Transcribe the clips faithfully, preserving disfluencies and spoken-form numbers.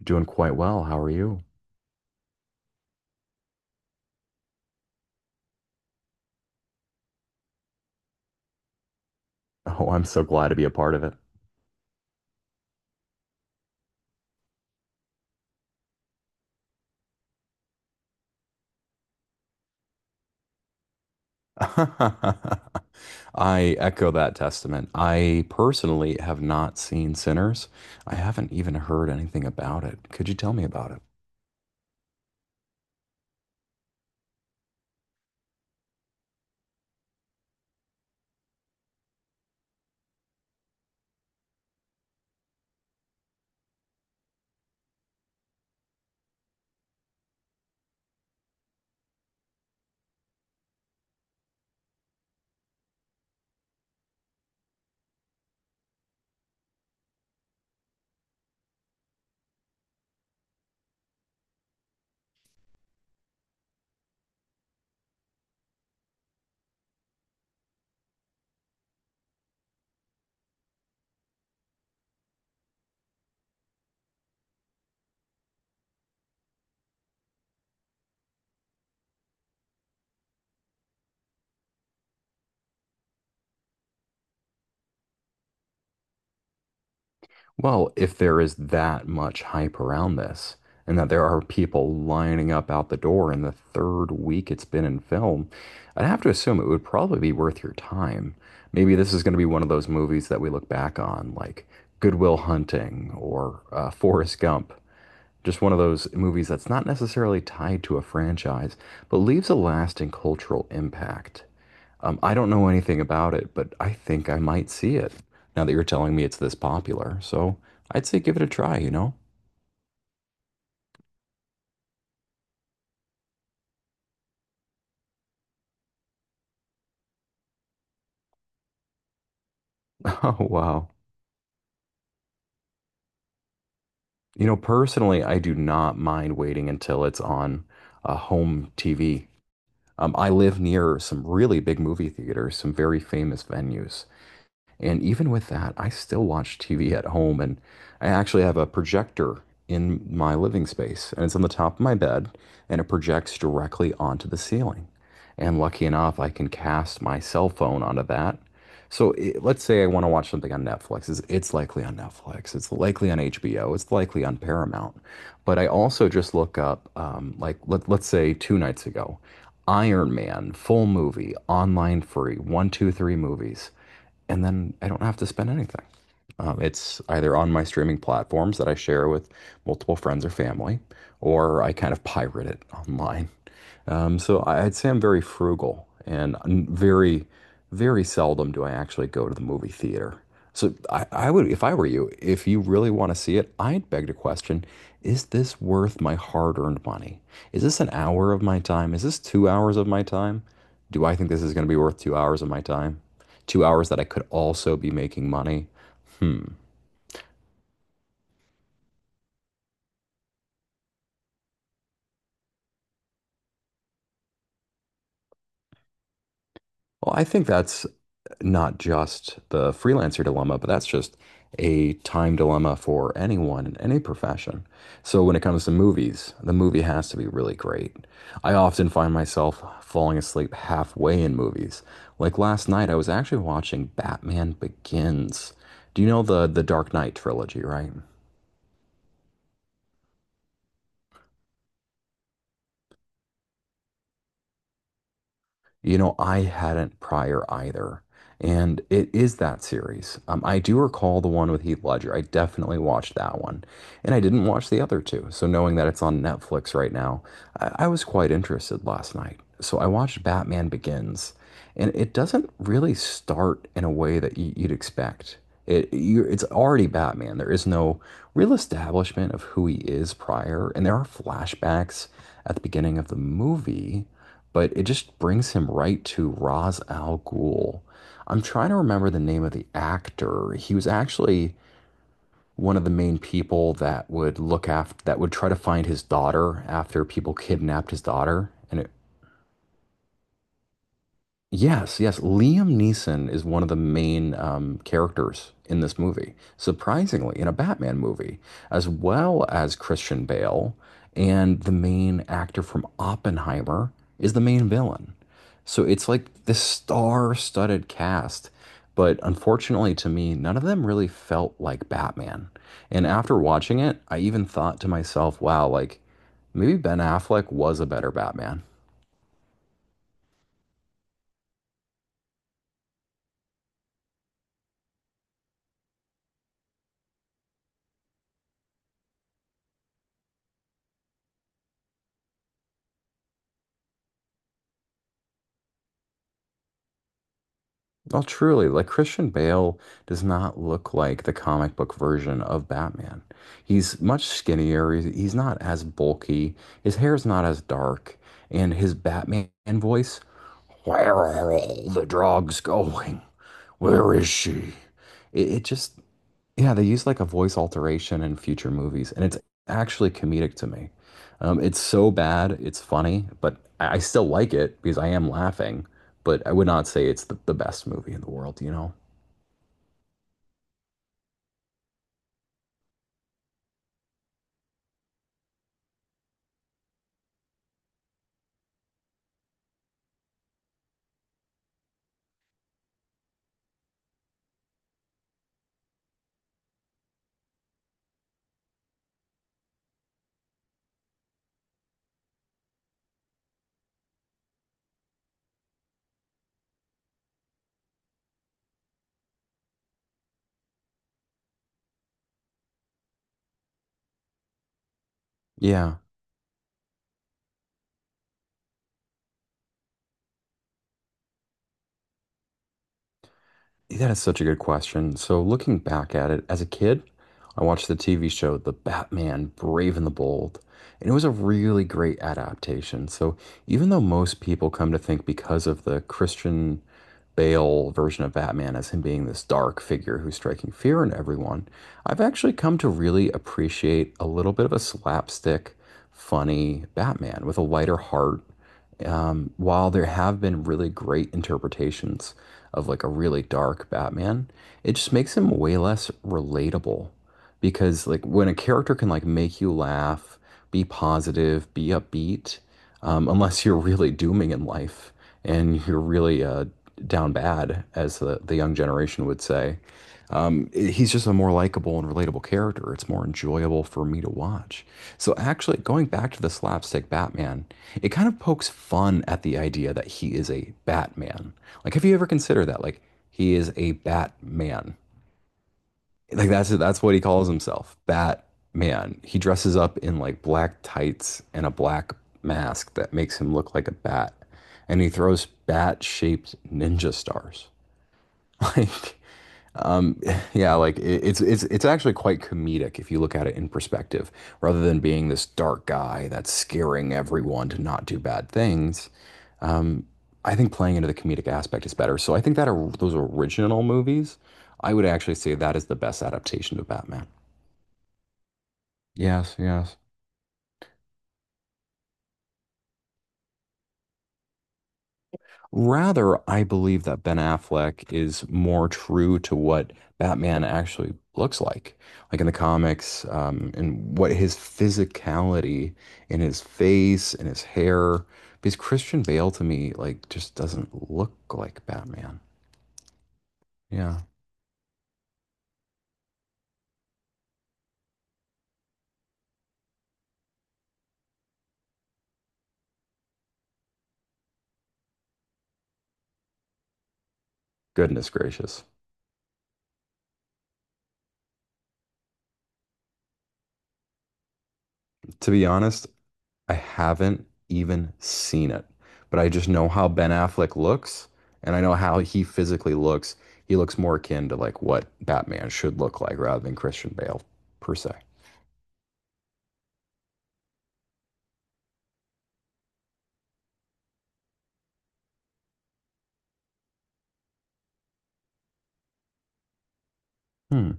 Doing quite well. How are you? Oh, I'm so glad to be a part of it. I echo that testament. I personally have not seen Sinners. I haven't even heard anything about it. Could you tell me about it? Well, if there is that much hype around this, and that there are people lining up out the door in the third week it's been in film, I'd have to assume it would probably be worth your time. Maybe this is going to be one of those movies that we look back on, like Goodwill Hunting or uh, Forrest Gump. Just one of those movies that's not necessarily tied to a franchise, but leaves a lasting cultural impact. Um, I don't know anything about it, but I think I might see it now that you're telling me it's this popular. So I'd say give it a try, you know? Oh, wow. You know, personally, I do not mind waiting until it's on a home T V. Um, I live near some really big movie theaters, some very famous venues. And even with that, I still watch T V at home. And I actually have a projector in my living space, and it's on the top of my bed, and it projects directly onto the ceiling. And lucky enough, I can cast my cell phone onto that. So it, let's say I want to watch something on Netflix. It's, it's likely on Netflix. It's likely on H B O. It's likely on Paramount. But I also just look up, um, like, let, let's say two nights ago, Iron Man, full movie, online free, one, two, three movies and then I don't have to spend anything. Um, it's either on my streaming platforms that I share with multiple friends or family, or I kind of pirate it online. Um, so I- I'd say I'm very frugal and n- very, very seldom do I actually go to the movie theater. So I, I would, if I were you, if you really want to see it, I'd beg the question, is this worth my hard-earned money? Is this an hour of my time? Is this two hours of my time? Do I think this is going to be worth two hours of my time? Two hours that I could also be making money? Well, I think that's not just the freelancer dilemma, but that's just a time dilemma for anyone in any profession. So when it comes to movies, the movie has to be really great. I often find myself falling asleep halfway in movies. Like last night, I was actually watching Batman Begins. Do you know the the Dark Knight trilogy, right? You know, I hadn't prior either. And it is that series. Um, I do recall the one with Heath Ledger. I definitely watched that one. And I didn't watch the other two. So knowing that it's on Netflix right now, I, I was quite interested last night. So I watched Batman Begins. And it doesn't really start in a way that y- you'd expect. It, you it's already Batman. There is no real establishment of who he is prior. And there are flashbacks at the beginning of the movie but it just brings him right to Ra's al Ghul. I'm trying to remember the name of the actor. He was actually one of the main people that would look after that would try to find his daughter after people kidnapped his daughter, and it, yes, yes. Liam Neeson is one of the main um, characters in this movie, surprisingly, in a Batman movie, as well as Christian Bale. And the main actor from Oppenheimer is the main villain. So it's like this star-studded cast. But unfortunately to me, none of them really felt like Batman. And after watching it, I even thought to myself, wow, like maybe Ben Affleck was a better Batman. Oh, truly, like Christian Bale does not look like the comic book version of Batman. He's much skinnier. He's, he's not as bulky. His hair's not as dark. And his Batman voice, where are all the drugs going? Where is she? It, it just, yeah, they use like a voice alteration in future movies, and it's actually comedic to me. Um, it's so bad, it's funny, but I I still like it because I am laughing, but I would not say it's the, the best movie in the world, you know? Yeah. That is such a good question. So, looking back at it, as a kid, I watched the T V show The Batman Brave and the Bold, and it was a really great adaptation. So, even though most people come to think because of the Christian Bale version of Batman as him being this dark figure who's striking fear in everyone, I've actually come to really appreciate a little bit of a slapstick, funny Batman with a lighter heart. Um, while there have been really great interpretations of like a really dark Batman, it just makes him way less relatable because like when a character can like make you laugh, be positive, be upbeat, um, unless you're really dooming in life and you're really uh, down bad, as the, the young generation would say, um, i- he's just a more likable and relatable character. It's more enjoyable for me to watch. So, actually, going back to the slapstick Batman, it kind of pokes fun at the idea that he is a Batman. Like, have you ever considered that? Like, he is a Batman. Like, that's that's what he calls himself, Batman. He dresses up in like black tights and a black mask that makes him look like a bat, and he throws bat-shaped ninja stars. Like. Um, yeah, like it, it's it's it's actually quite comedic if you look at it in perspective, rather than being this dark guy that's scaring everyone to not do bad things. Um, I think playing into the comedic aspect is better. So I think that or those original movies, I would actually say that is the best adaptation of Batman. Yes, yes. Rather, I believe that Ben Affleck is more true to what Batman actually looks like, like in the comics, um, and what his physicality in his face and his hair. Because Christian Bale to me, like, just doesn't look like Batman. Yeah. Goodness gracious. To be honest, I haven't even seen it, but I just know how Ben Affleck looks, and I know how he physically looks. He looks more akin to like what Batman should look like rather than Christian Bale per se. Hmm.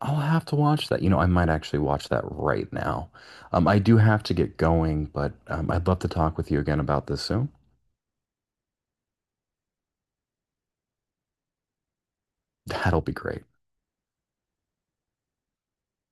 I'll have to watch that. You know, I might actually watch that right now. Um, I do have to get going, but um, I'd love to talk with you again about this soon. That'll be great.